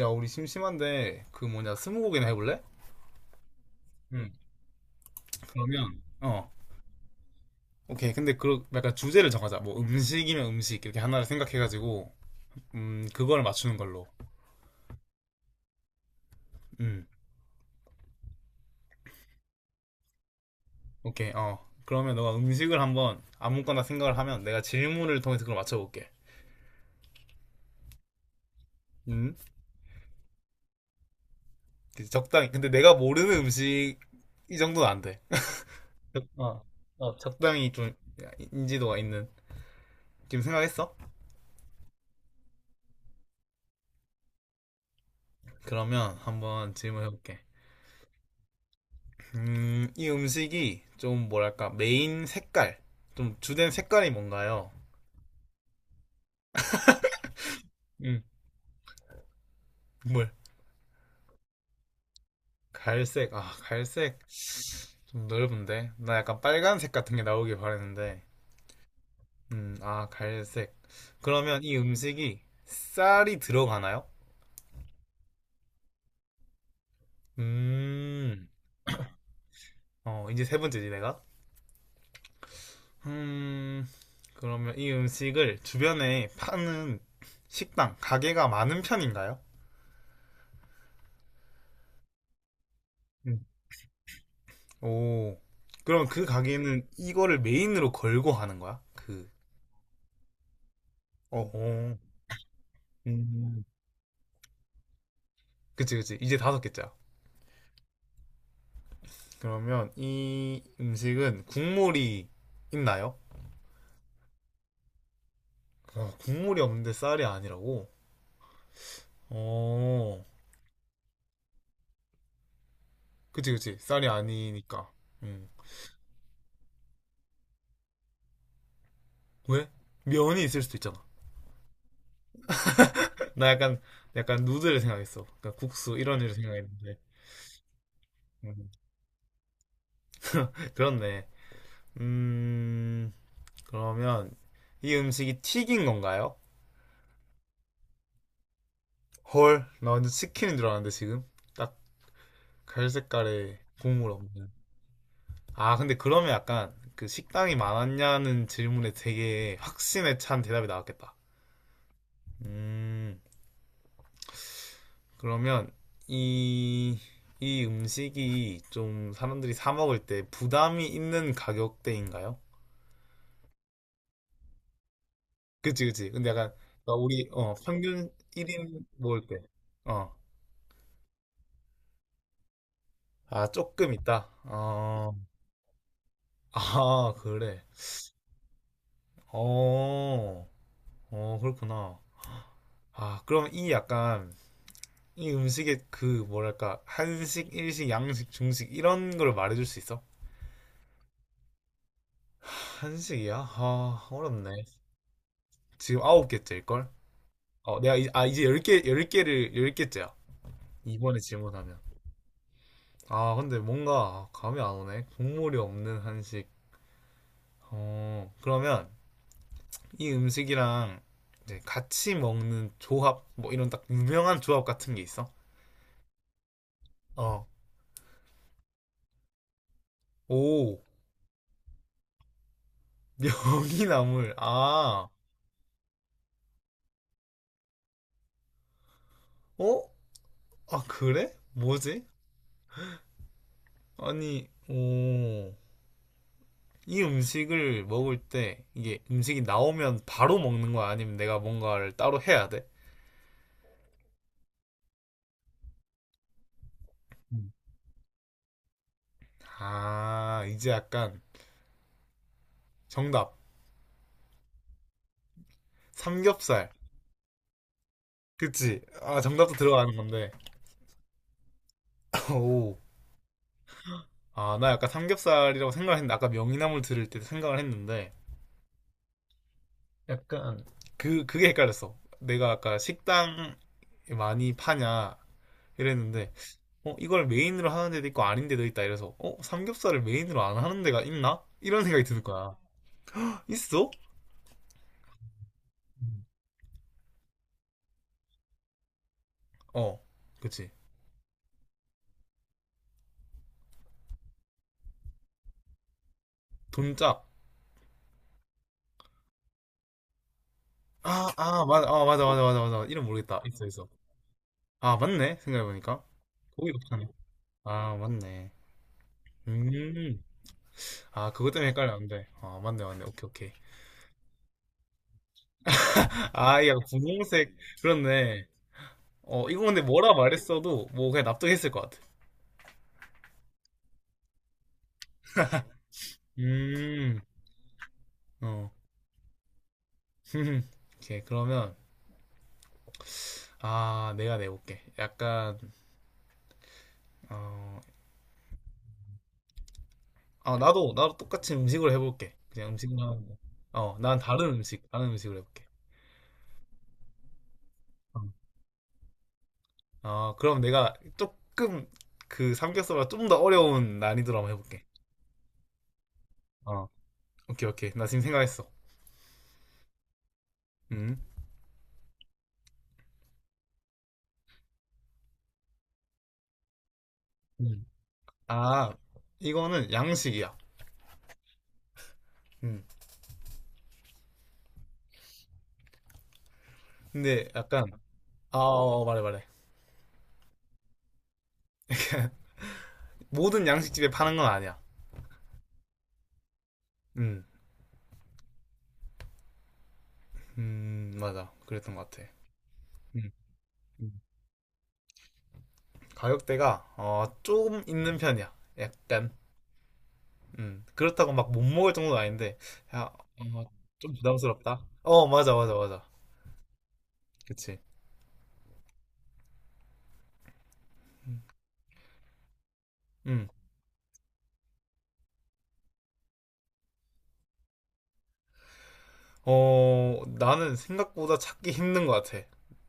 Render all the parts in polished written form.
야, 우리 심심한데 그 뭐냐 스무고개나 해볼래? 응. 그러면 어. 오케이. 근데 그 약간 주제를 정하자. 뭐 음식이면 음식 이렇게 하나를 생각해가지고 그걸 맞추는 걸로. 음. 오케이. 어. 그러면 너가 음식을 한번 아무거나 생각을 하면 내가 질문을 통해서 그걸 맞춰볼게. 음. 그치, 적당히. 근데 내가 모르는 음식 이 정도는 안 돼. 어. 어, 적당히 좀 인지도가 있는. 지금 생각했어? 그러면 한번 질문해볼게. 이 음식이 좀 뭐랄까 메인 색깔, 좀 주된 색깔이 뭔가요? 음, 뭘? 갈색. 아, 갈색 좀 넓은데. 나 약간 빨간색 같은 게 나오길 바랬는데. 아, 갈색. 그러면 이 음식이 쌀이 들어가나요? 음, 어, 이제 세 번째지 내가. 음, 그러면 이 음식을 주변에 파는 식당, 가게가 많은 편인가요? 오. 그럼 그 가게는 이거를 메인으로 걸고 하는 거야? 그, 어, 어. 음. 그치, 그치. 이제 다섯 개짜. 그러면 이 음식은 국물이 있나요? 어, 국물이 없는데 쌀이 아니라고? 어. 그치, 그치. 쌀이 아니니까. 음. 왜? 면이 있을 수도 있잖아. 나 약간, 약간 누드를 생각했어. 그러니까 국수, 이런 일을 생각했는데. 음. 그렇네. 음, 그러면 이 음식이 튀긴 건가요? 헐, 나 완전 치킨인 줄 알았는데 지금 딱 갈색깔에 국물 없는. 아, 근데 그러면 약간 그 식당이 많았냐는 질문에 되게 확신에 찬 대답이 나왔겠다. 음, 그러면 이, 이 음식이 좀 사람들이 사 먹을 때 부담이 있는 가격대인가요? 그치, 그치. 근데 약간 나 우리 어, 평균 1인 먹을 때. 어. 아, 조금 있다. 어. 아, 그래. 어. 어, 그렇구나. 아, 그럼 이 약간 이 음식의 그 뭐랄까 한식, 일식, 양식, 중식 이런 걸 말해줄 수 있어? 한식이야? 아, 어렵네. 지금 아홉 개째일걸? 어, 내가 이, 아 이제 열 개, 열 개를 열 개째야. 이번에 질문하면. 아, 근데 뭔가 감이 안 오네. 국물이 없는 한식. 어, 그러면 이 음식이랑 이제 같이 먹는 조합, 뭐 이런 딱 유명한 조합 같은 게 있어? 어. 오, 명이나물. 아, 어? 아, 그래? 뭐지? 아니, 오. 이 음식을 먹을 때 이게 음식이 나오면 바로 먹는 거야? 아니면 내가 뭔가를 따로 해야 돼? 음. 아, 이제 약간 정답. 삼겹살. 그치? 아, 정답도 들어가는 건데. 오. 아, 나 약간 삼겹살이라고 생각을 했는데, 아까 명이나물 들을 때 생각을 했는데, 약간 그, 그게 헷갈렸어. 내가 아까 식당 많이 파냐 이랬는데, 어, 이걸 메인으로 하는 데도 있고 아닌 데도 있다. 이래서, 어, 삼겹살을 메인으로 안 하는 데가 있나? 이런 생각이 드는 거야. 있어? 음. 어, 그치. 돈짝. 아, 아, 맞아, 아, 맞아, 맞아, 맞아, 맞아. 이름 모르겠다. 있어, 있어. 아, 맞네. 생각해보니까. 고기도 파네. 아, 맞네. 음, 아, 그것 때문에 헷갈렸는데. 아, 맞네, 맞네. 오케이, 오케이. 아, 야, 분홍색. 그렇네. 어, 이거 근데 뭐라 말했어도, 뭐, 그냥 납득했을 것 같아. 음, 어. 오케이, 그러면. 아, 내가 내볼게. 약간, 어, 아, 나도, 나도 똑같이 음식으로 해볼게. 그냥 음식만. 하는 거. 어, 난 다른 음식, 다른 음식으로 해볼게. 어, 어, 그럼 내가 조금 그 삼겹살보다 좀 더 어려운 난이도로 한번 해볼게. 어, 오케이, 오케이. 나 지금 생각했어. 음. 음. 아, 이거는 양식이야. 음. 근데 약간, 아, 어, 어, 말해, 말해. 모든 양식집에 파는 건 아니야. 음, 맞아. 그랬던 것 같아. 음. 음. 가격대가 어, 조금 있는 편이야. 약간. 음. 그렇다고 막 못 먹을 정도는 아닌데 야, 어, 좀 부담스럽다. 어, 맞아, 맞아, 맞아. 그치. 음. 음. 어, 나는 생각보다 찾기 힘든 것 같아.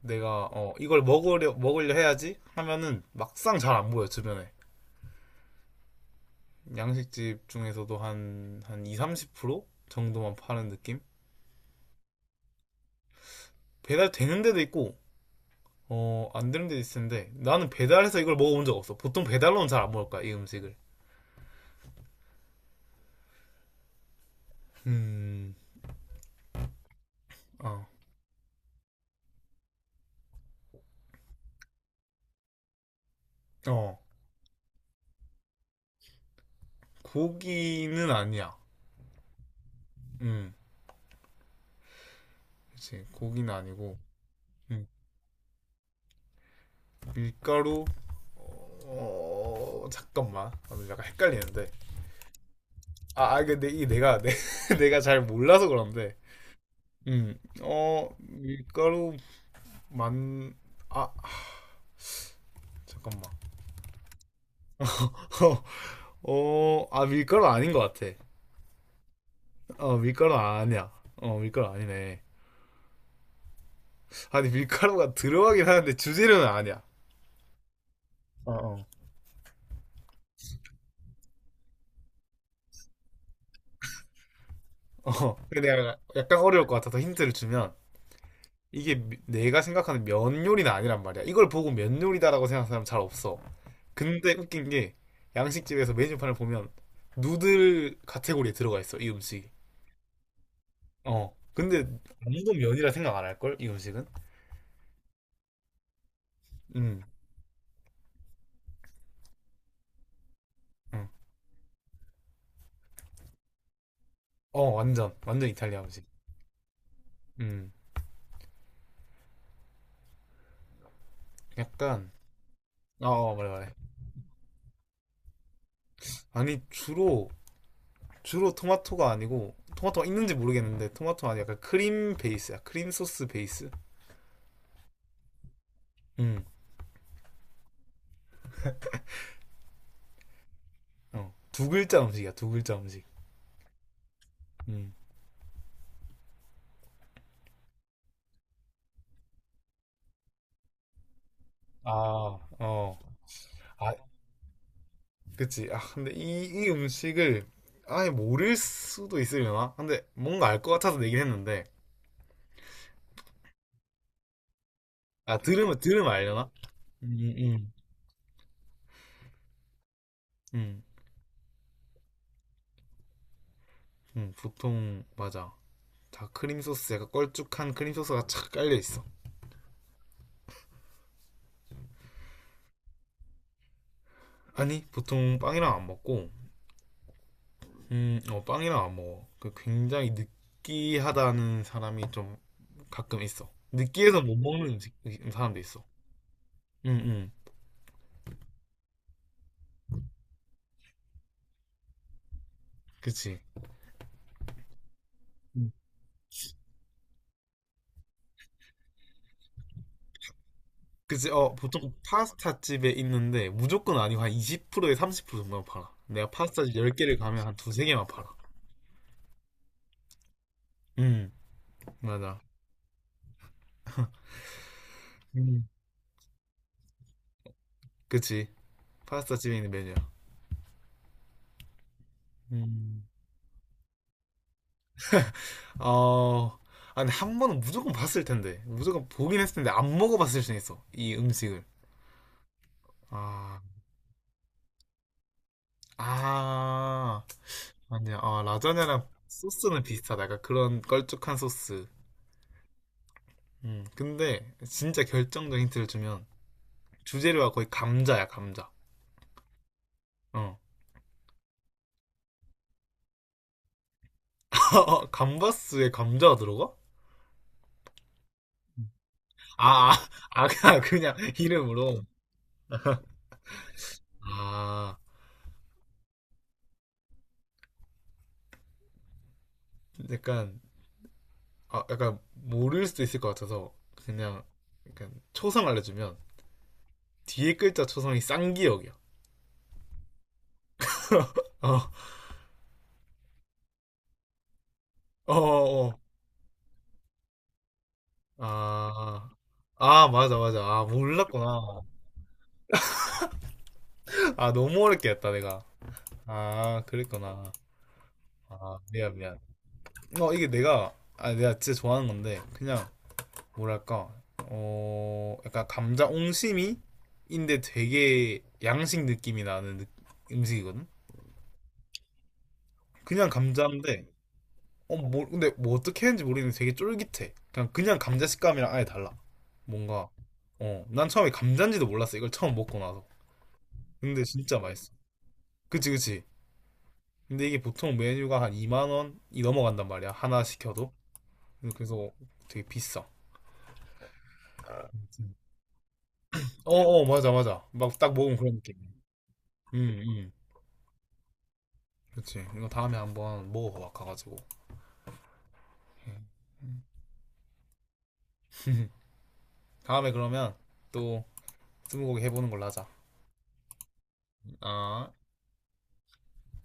내가 어, 이걸 먹으려 먹으려 해야지 하면은 막상 잘 안 보여 주변에. 양식집 중에서도 한 2, 30% 정도만 파는 느낌? 배달 되는 데도 있고, 어, 안 되는 데도 있는데, 나는 배달해서 이걸 먹어본 적 없어. 보통 배달로는 잘 안 먹을 거야, 이 음식을. 음, 어, 어, 고기는 아니야. 음, 그치, 고기는 아니고, 음, 밀가루, 어, 어, 잠깐만. 아, 근데 약간 헷갈리는데. 아, 아, 이게 내가, 내, 내가 잘 몰라서 그런데. 어, 밀가루 만, 아, 잠깐만. 어, 어, 아, 밀가루 아닌 것 같아. 어, 밀가루 아니야. 어, 밀가루 아니네. 아니, 밀가루가 들어가긴 하는데 주재료는 아니야. 어, 어. 어, 근데 내가 약간 어려울 것 같아서 힌트를 주면 이게 내가 생각하는 면 요리는 아니란 말이야. 이걸 보고 면 요리다라고 생각하는 사람 잘 없어. 근데 웃긴 게 양식집에서 메뉴판을 보면 누들 카테고리에 들어가 있어, 이 음식이. 어. 근데 아무도 면이라 생각 안 할걸, 이 음식은? 음. 음. 어, 완전. 완전 이탈리아 음식. 음. 약간 어, 어, 말해 말해. 아니 주로 토마토가 아니고 토마토가 있는지 모르겠는데 토마토는 아니 약간 크림 베이스야. 크림 소스 베이스. 음. 어. 두 글자 음식이야, 두 글자 음식. 음. 아, 어. 아, 그치. 아, 근데 이 음식을 아예 모를 수도 있으려나? 근데 뭔가 알 것 같아서 내긴 했는데. 아, 들으면, 들으면 알려나? 음, 음. 음, 보통, 맞아. 다 크림 소스, 약간 걸쭉한 크림 소스가 착 깔려 있어. 아니, 보통 빵이랑 안 먹고, 어, 빵이랑 안 먹어. 그 굉장히 느끼하다는 사람이 좀 가끔 있어. 느끼해서 못 먹는 음식, 사람도 있어. 응, 응. 그치. 음. 그치, 어, 보통 파스타 집에 있는데 무조건 아니고 한 20%에 30% 정도만 팔아. 내가 파스타 집 10개를 가면 한 두세 개만 팔아. 음, 맞아. 음. 그치. 파스타 집에 있는 메뉴야. 음. 어, 아니, 한 번은 무조건 봤을 텐데. 무조건 보긴 했을 텐데, 안 먹어봤을 수 있어. 이 음식을. 아, 아, 아니야. 아, 라자냐랑 소스는 비슷하다. 약간 그런 걸쭉한 소스. 근데, 진짜 결정적인 힌트를 주면, 주재료가 거의 감자야, 감자. 어. 감바스에 감자가 들어가? 아, 아, 아, 그냥, 그냥 이름으로. 아, 약간, 아, 약간 모를 수도 있을 것 같아서 그냥, 약간 초성 알려주면 뒤에 글자 초성이 쌍기역이야. 어, 어, 어, 어. 아, 아, 맞아, 맞아. 아, 몰랐구나. 아, 너무 어렵게 했다, 내가. 아, 그랬구나. 아, 미안, 미안. 어, 이게 내가, 아, 내가 진짜 좋아하는 건데, 그냥, 뭐랄까 어 약간 감자 옹심이인데 되게 양식 느낌이 나는 음식이거든. 그냥 감자인데 어뭐 근데 뭐 어떻게 했는지 모르겠는데 되게 쫄깃해. 그냥 감자 식감이랑 아예 달라. 뭔가 어 난 처음에 감자인지도 몰랐어. 이걸 처음 먹고 나서. 근데 진짜 맛있어. 그치 그치. 근데 이게 보통 메뉴가 한 2만 원이 넘어간단 말이야. 하나 시켜도. 그래서 되게 비싸. 어어 맞아 맞아. 막 딱 먹으면 그런 느낌. 응 응. 그치. 이거 다음에 한번 먹어봐 가가지고. 예. 다음에 그러면 또 스무고개 해보는 걸로 하자. 아.